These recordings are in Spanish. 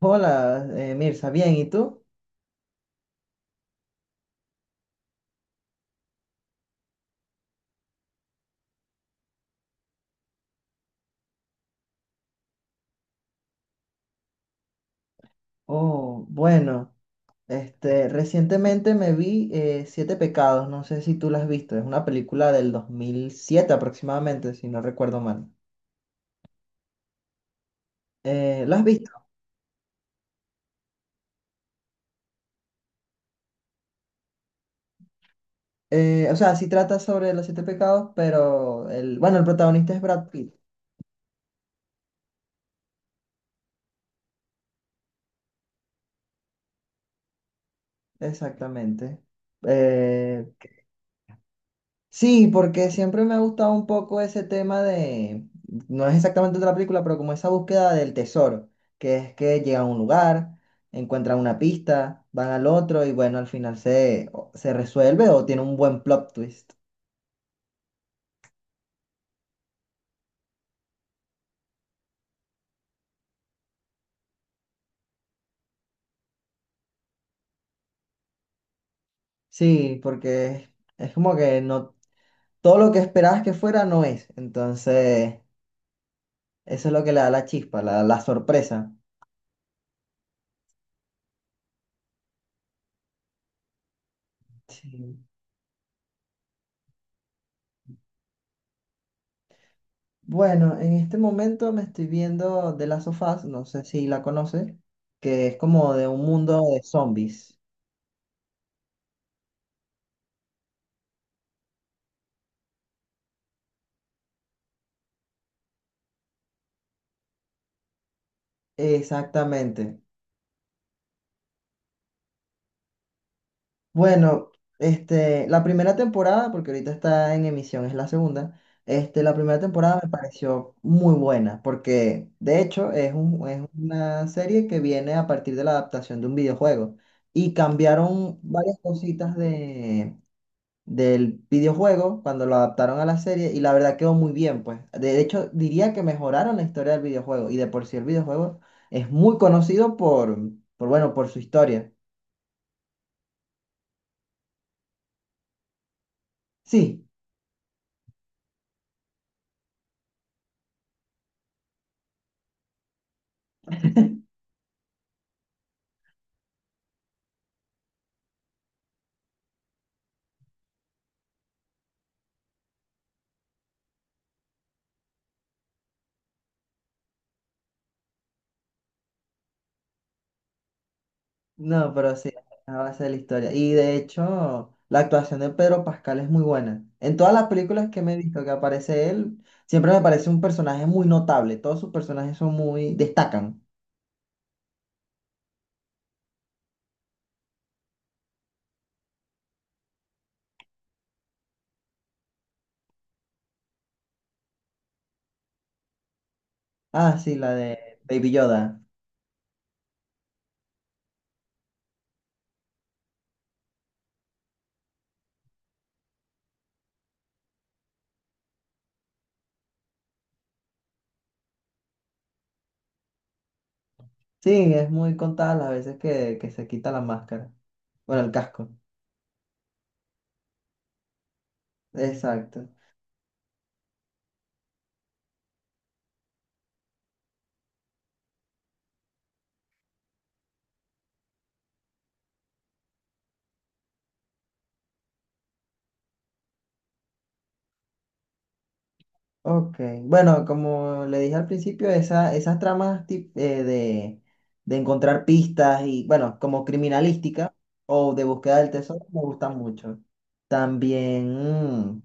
Hola, Mirza, bien, ¿y tú? Oh, bueno, recientemente me vi Siete Pecados, no sé si tú la has visto, es una película del 2007 aproximadamente, si no recuerdo mal. ¿La has visto? O sea, sí trata sobre los siete pecados, pero el, bueno, el protagonista es Brad Pitt, exactamente. Eh, Sí, porque siempre me ha gustado un poco ese tema de, no es exactamente otra película, pero como esa búsqueda del tesoro, que es que llegan a un lugar, encuentran una pista, van al otro y bueno, al final se, se resuelve o tiene un buen plot twist. Sí, porque es como que no, todo lo que esperabas que fuera no es. Entonces, eso es lo que le da la chispa, la sorpresa. Sí. Bueno, en este momento me estoy viendo The Last of Us, no sé si la conoces, que es como de un mundo de zombies. Exactamente. Bueno, la primera temporada, porque ahorita está en emisión, es la segunda. La primera temporada me pareció muy buena, porque de hecho es es una serie que viene a partir de la adaptación de un videojuego. Y cambiaron varias cositas de del videojuego cuando lo adaptaron a la serie y la verdad quedó muy bien, pues. De hecho, diría que mejoraron la historia del videojuego y de por sí el videojuego es muy conocido por bueno, por su historia. Sí, no, pero sí, a base de la historia. Y de hecho, la actuación de Pedro Pascal es muy buena. En todas las películas que me he visto que aparece él, siempre me parece un personaje muy notable. Todos sus personajes son muy, destacan. Ah, sí, la de Baby Yoda. Sí, es muy contada las veces que se quita la máscara. Bueno, el casco. Exacto. Ok. Bueno, como le dije al principio, esa, esas tramas de encontrar pistas y, bueno, como criminalística o de búsqueda del tesoro, me gustan mucho. También mm,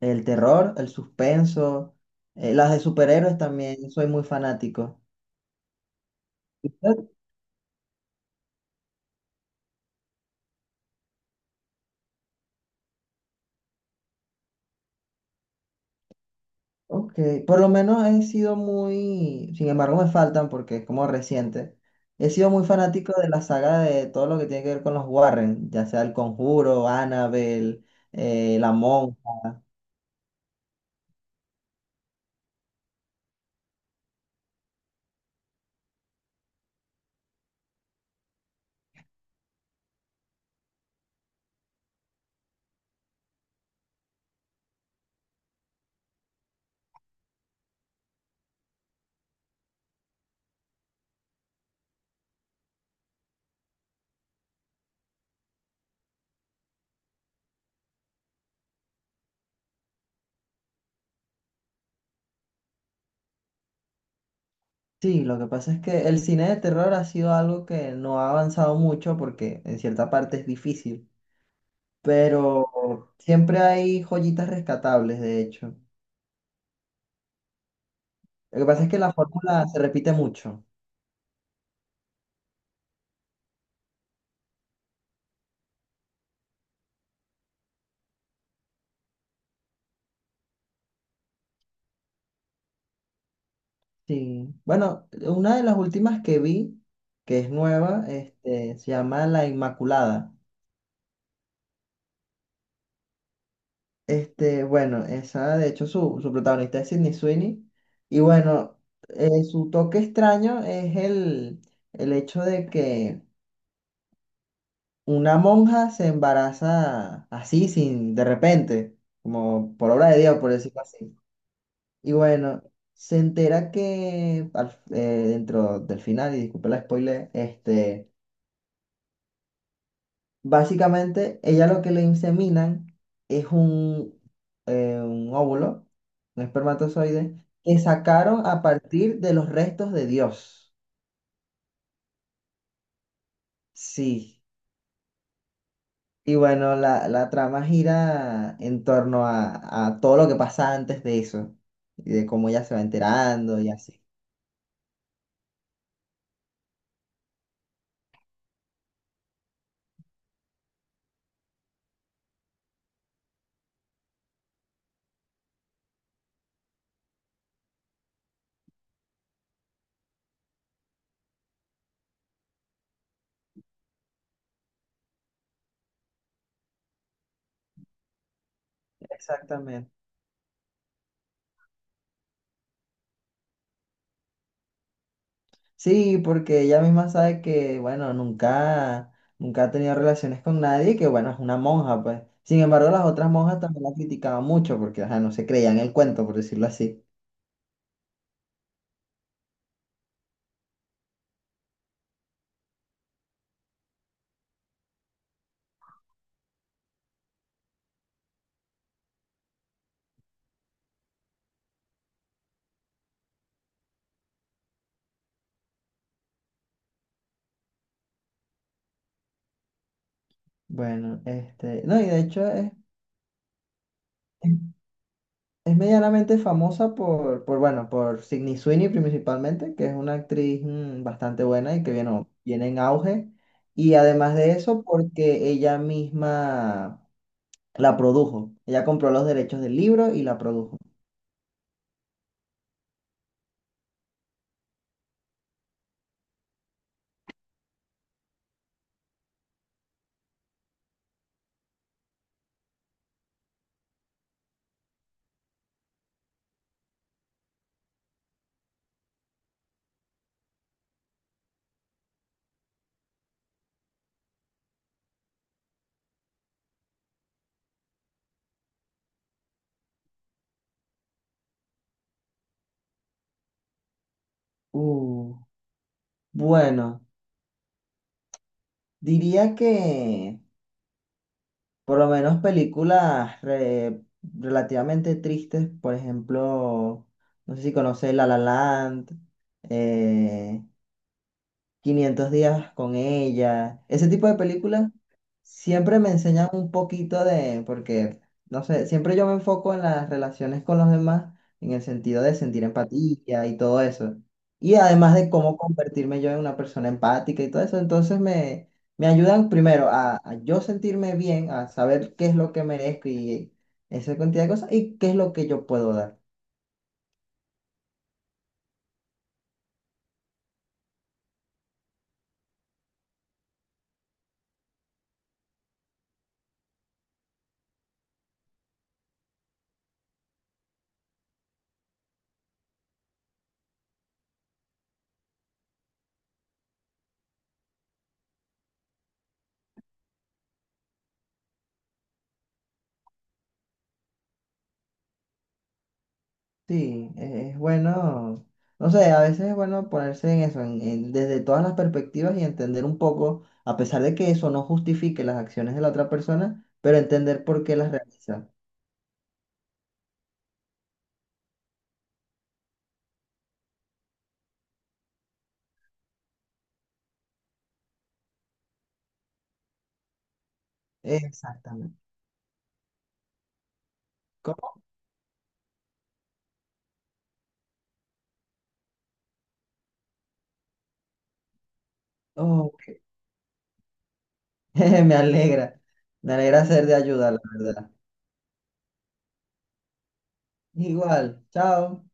el terror, el suspenso, las de superhéroes también, soy muy fanático. Ok, por lo menos he sido muy, sin embargo me faltan porque es como reciente, he sido muy fanático de la saga de todo lo que tiene que ver con los Warren, ya sea El Conjuro, Annabelle, La Monja. Sí, lo que pasa es que el cine de terror ha sido algo que no ha avanzado mucho porque en cierta parte es difícil, pero siempre hay joyitas rescatables, de hecho. Lo que pasa es que la fórmula se repite mucho. Sí. Bueno, una de las últimas que vi, que es nueva, se llama La Inmaculada. Bueno, esa, de hecho, su protagonista es Sydney Sweeney. Y bueno, su toque extraño es el hecho de que una monja se embaraza así, sin, de repente, como por obra de Dios, por decirlo así. Y bueno, se entera que dentro del final, y disculpe la spoiler, este. Básicamente, ella lo que le inseminan es un óvulo, un espermatozoide, que sacaron a partir de los restos de Dios. Sí. Y bueno, la trama gira en torno a todo lo que pasa antes de eso, y de cómo ella se va enterando y así. Exactamente. Sí, porque ella misma sabe que, bueno, nunca, nunca ha tenido relaciones con nadie y que, bueno, es una monja, pues. Sin embargo, las otras monjas también la criticaban mucho porque, ajá, no se creían el cuento, por decirlo así. Bueno, no, y de hecho es, es medianamente famosa por, bueno, por Sydney Sweeney principalmente, que es una actriz bastante buena y que viene, viene en auge. Y además de eso, porque ella misma la produjo. Ella compró los derechos del libro y la produjo. Uh. Bueno, diría que por lo menos películas relativamente tristes, por ejemplo, no sé si conoces La La Land, eh, 500 días con ella. Ese tipo de películas siempre me enseñan un poquito de, porque, no sé, siempre yo me enfoco en las relaciones con los demás, en el sentido de sentir empatía y todo eso. Y además de cómo convertirme yo en una persona empática y todo eso, entonces me ayudan primero a yo sentirme bien, a saber qué es lo que merezco y esa cantidad de cosas y qué es lo que yo puedo dar. Sí, es bueno, no sé, a veces es bueno ponerse en eso, desde todas las perspectivas y entender un poco, a pesar de que eso no justifique las acciones de la otra persona, pero entender por qué las realiza. Exactamente. ¿Cómo? Ok. Me alegra, me alegra ser de ayuda, la verdad. Igual, chao.